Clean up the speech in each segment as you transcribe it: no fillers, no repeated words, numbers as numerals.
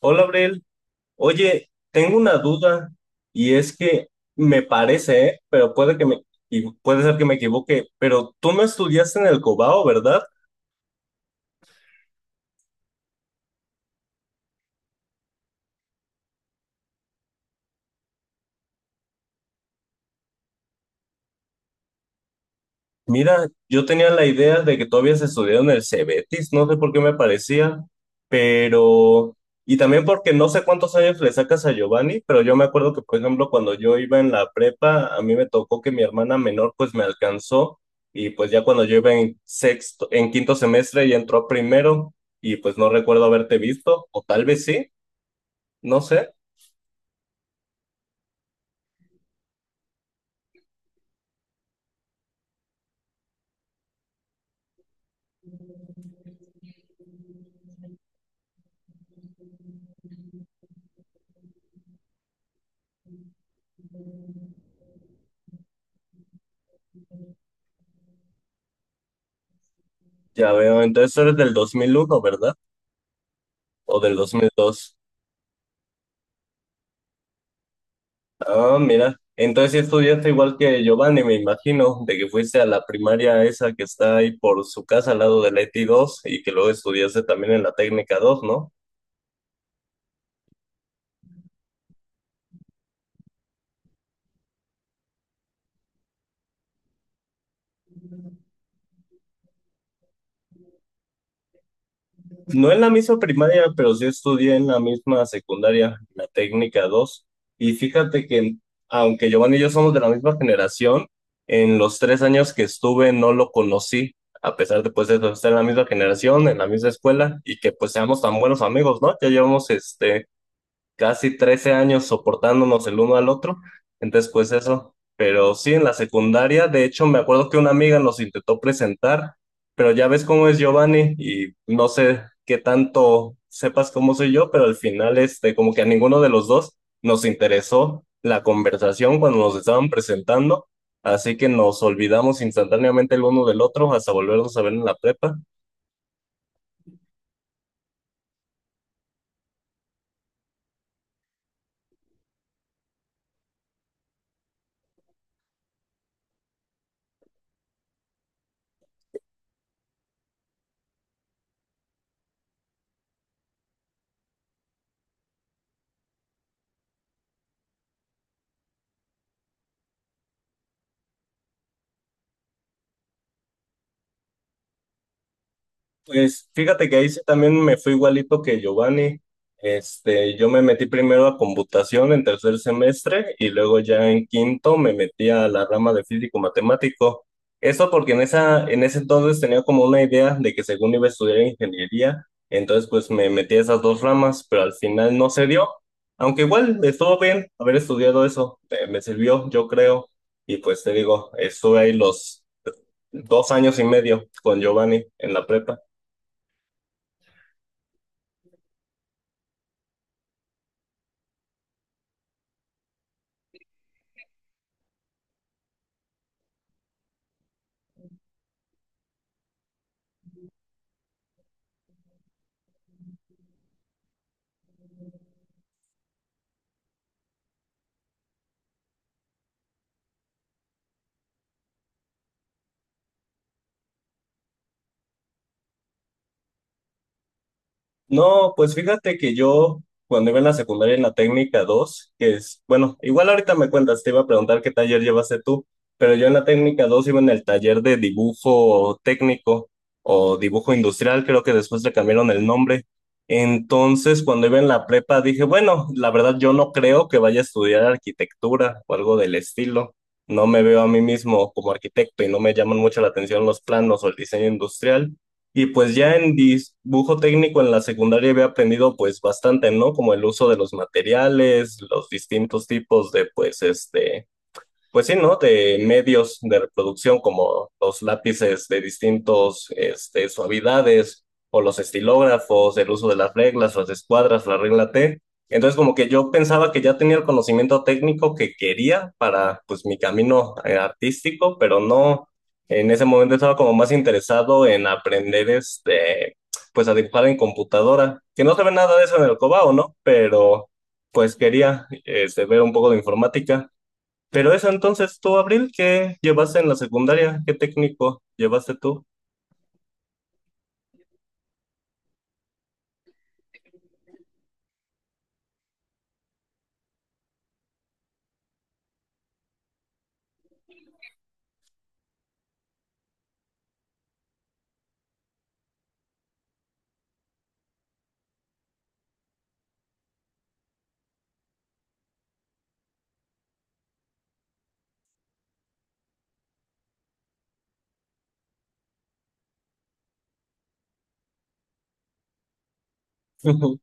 Hola, Abrel. Oye, tengo una duda y es que me parece, pero puede ser que me equivoque, pero tú no estudiaste en el Cobao, ¿verdad? Mira, yo tenía la idea de que todavía se estudiado en el Cebetis, no sé por qué me parecía, pero. Y también porque no sé cuántos años le sacas a Giovanni, pero yo me acuerdo que, por ejemplo, cuando yo iba en la prepa, a mí me tocó que mi hermana menor pues me alcanzó y pues ya cuando yo iba en sexto, en quinto semestre y entró a primero y pues no recuerdo haberte visto, o tal vez sí, no sé, ya veo, entonces eres del 2001, ¿verdad? O del 2002. Ah, mira. Entonces sí estudiaste igual que Giovanni, me imagino, de que fuiste a la primaria esa que está ahí por su casa al lado de la ETI 2 y que luego estudiaste también en la técnica 2, ¿no? No en la misma primaria, pero sí estudié en la misma secundaria, la técnica 2. Y fíjate que, aunque Giovanni y yo somos de la misma generación, en los 3 años que estuve no lo conocí, a pesar de pues de estar en la misma generación, en la misma escuela y que pues seamos tan buenos amigos, ¿no? Ya llevamos casi 13 años soportándonos el uno al otro. Entonces, pues eso. Pero sí, en la secundaria, de hecho, me acuerdo que una amiga nos intentó presentar, pero ya ves cómo es Giovanni y no sé qué tanto sepas cómo soy yo, pero al final, como que a ninguno de los dos nos interesó la conversación cuando nos estaban presentando, así que nos olvidamos instantáneamente el uno del otro hasta volvernos a ver en la prepa. Pues fíjate que ahí sí también me fue igualito que Giovanni. Yo me metí primero a computación en tercer semestre y luego ya en quinto me metí a la rama de físico matemático. Eso porque en ese entonces tenía como una idea de que según iba a estudiar ingeniería, entonces pues me metí a esas dos ramas, pero al final no se dio. Aunque igual estuvo bien haber estudiado eso, me sirvió, yo creo. Y pues te digo, estuve ahí los 2 años y medio con Giovanni en la prepa. No, pues fíjate que yo cuando iba en la secundaria en la técnica 2, que es, bueno, igual ahorita me cuentas, te iba a preguntar qué taller llevaste tú, pero yo en la técnica 2 iba en el taller de dibujo técnico o dibujo industrial, creo que después le cambiaron el nombre. Entonces, cuando iba en la prepa dije, bueno, la verdad yo no creo que vaya a estudiar arquitectura o algo del estilo. No me veo a mí mismo como arquitecto y no me llaman mucho la atención los planos o el diseño industrial. Y pues ya en dibujo técnico en la secundaria había aprendido pues bastante, ¿no? Como el uso de los materiales, los distintos tipos de pues pues sí, ¿no? De medios de reproducción como los lápices de distintos suavidades o los estilógrafos, el uso de las reglas, las escuadras, la regla T. Entonces como que yo pensaba que ya tenía el conocimiento técnico que quería para pues mi camino artístico, pero no, en ese momento estaba como más interesado en aprender pues a dibujar en computadora, que no se ve nada de eso en el Cobao, ¿no? Pero pues quería ver un poco de informática. Pero eso entonces tú, Abril, ¿qué llevaste en la secundaria? ¿Qué técnico llevaste tú?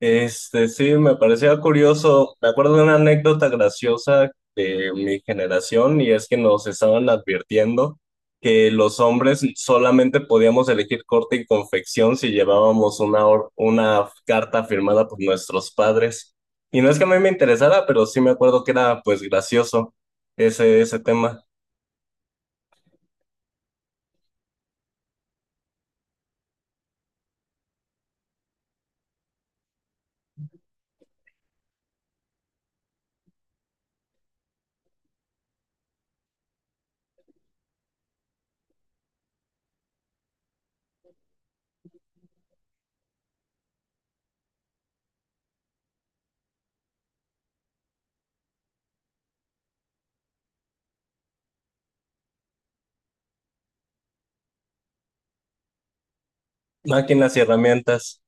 Sí, me parecía curioso. Me acuerdo de una anécdota graciosa de mi generación y es que nos estaban advirtiendo que los hombres solamente podíamos elegir corte y confección si llevábamos una carta firmada por nuestros padres. Y no es que a mí me interesara, pero sí me acuerdo que era pues gracioso ese tema. Máquinas y herramientas.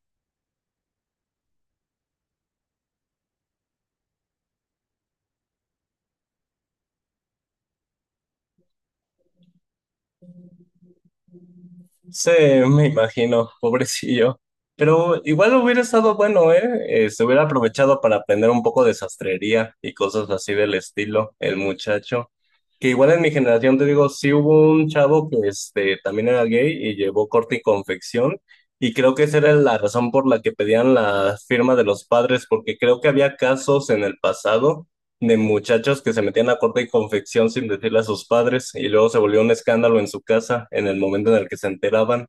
Sí, me imagino, pobrecillo. Pero igual hubiera estado bueno, ¿eh? Se hubiera aprovechado para aprender un poco de sastrería y cosas así del estilo, el muchacho. Que igual en mi generación, te digo, sí hubo un chavo que también era gay y llevó corte y confección. Y creo que esa era la razón por la que pedían la firma de los padres, porque creo que había casos en el pasado de muchachos que se metían a corte y confección sin decirle a sus padres y luego se volvió un escándalo en su casa en el momento en el que se enteraban.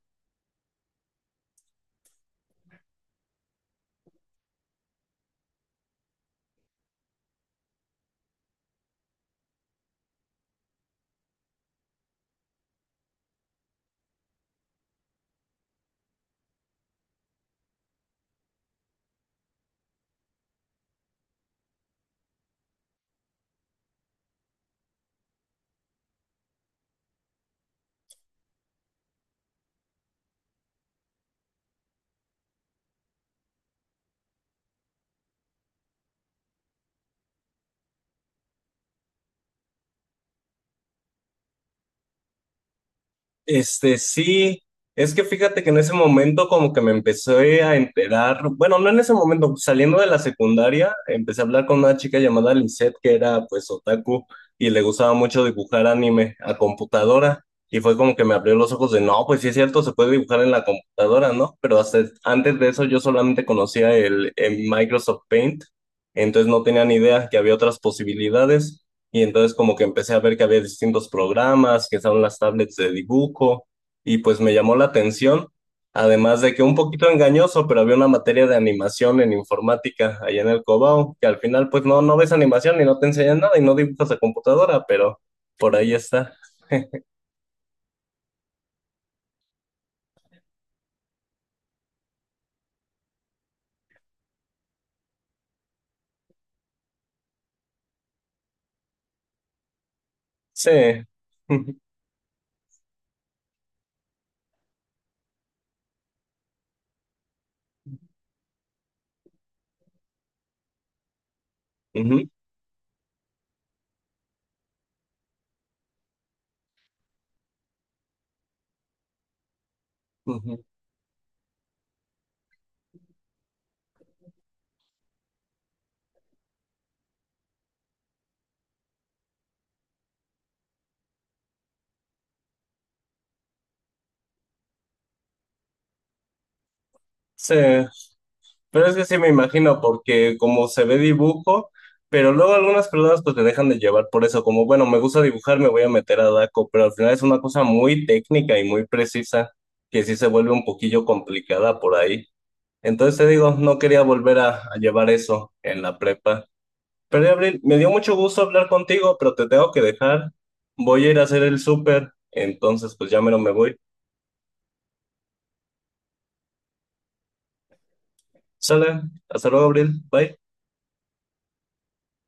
Sí, es que fíjate que en ese momento como que me empecé a enterar, bueno, no en ese momento, saliendo de la secundaria, empecé a hablar con una chica llamada Lisette que era pues otaku y le gustaba mucho dibujar anime a computadora y fue como que me abrió los ojos de, no, pues sí es cierto, se puede dibujar en la computadora, ¿no? Pero hasta antes de eso yo solamente conocía el Microsoft Paint, entonces no tenía ni idea que había otras posibilidades. Y entonces como que empecé a ver que había distintos programas, que estaban las tablets de dibujo, y pues me llamó la atención, además de que un poquito engañoso, pero había una materia de animación en informática allá en el Cobao, que al final pues no, no ves animación y no te enseñan nada y no dibujas a computadora, pero por ahí está. Sí. Ujú, ujú. Sí. Pero es que sí me imagino, porque como se ve dibujo, pero luego algunas personas pues te dejan de llevar por eso, como bueno, me gusta dibujar, me voy a meter a Daco, pero al final es una cosa muy técnica y muy precisa, que sí se vuelve un poquillo complicada por ahí. Entonces te digo, no quería volver a llevar eso en la prepa. Pero Abril, me dio mucho gusto hablar contigo, pero te tengo que dejar. Voy a ir a hacer el súper, entonces pues ya mero me voy. Sale, hasta luego, Abril, bye.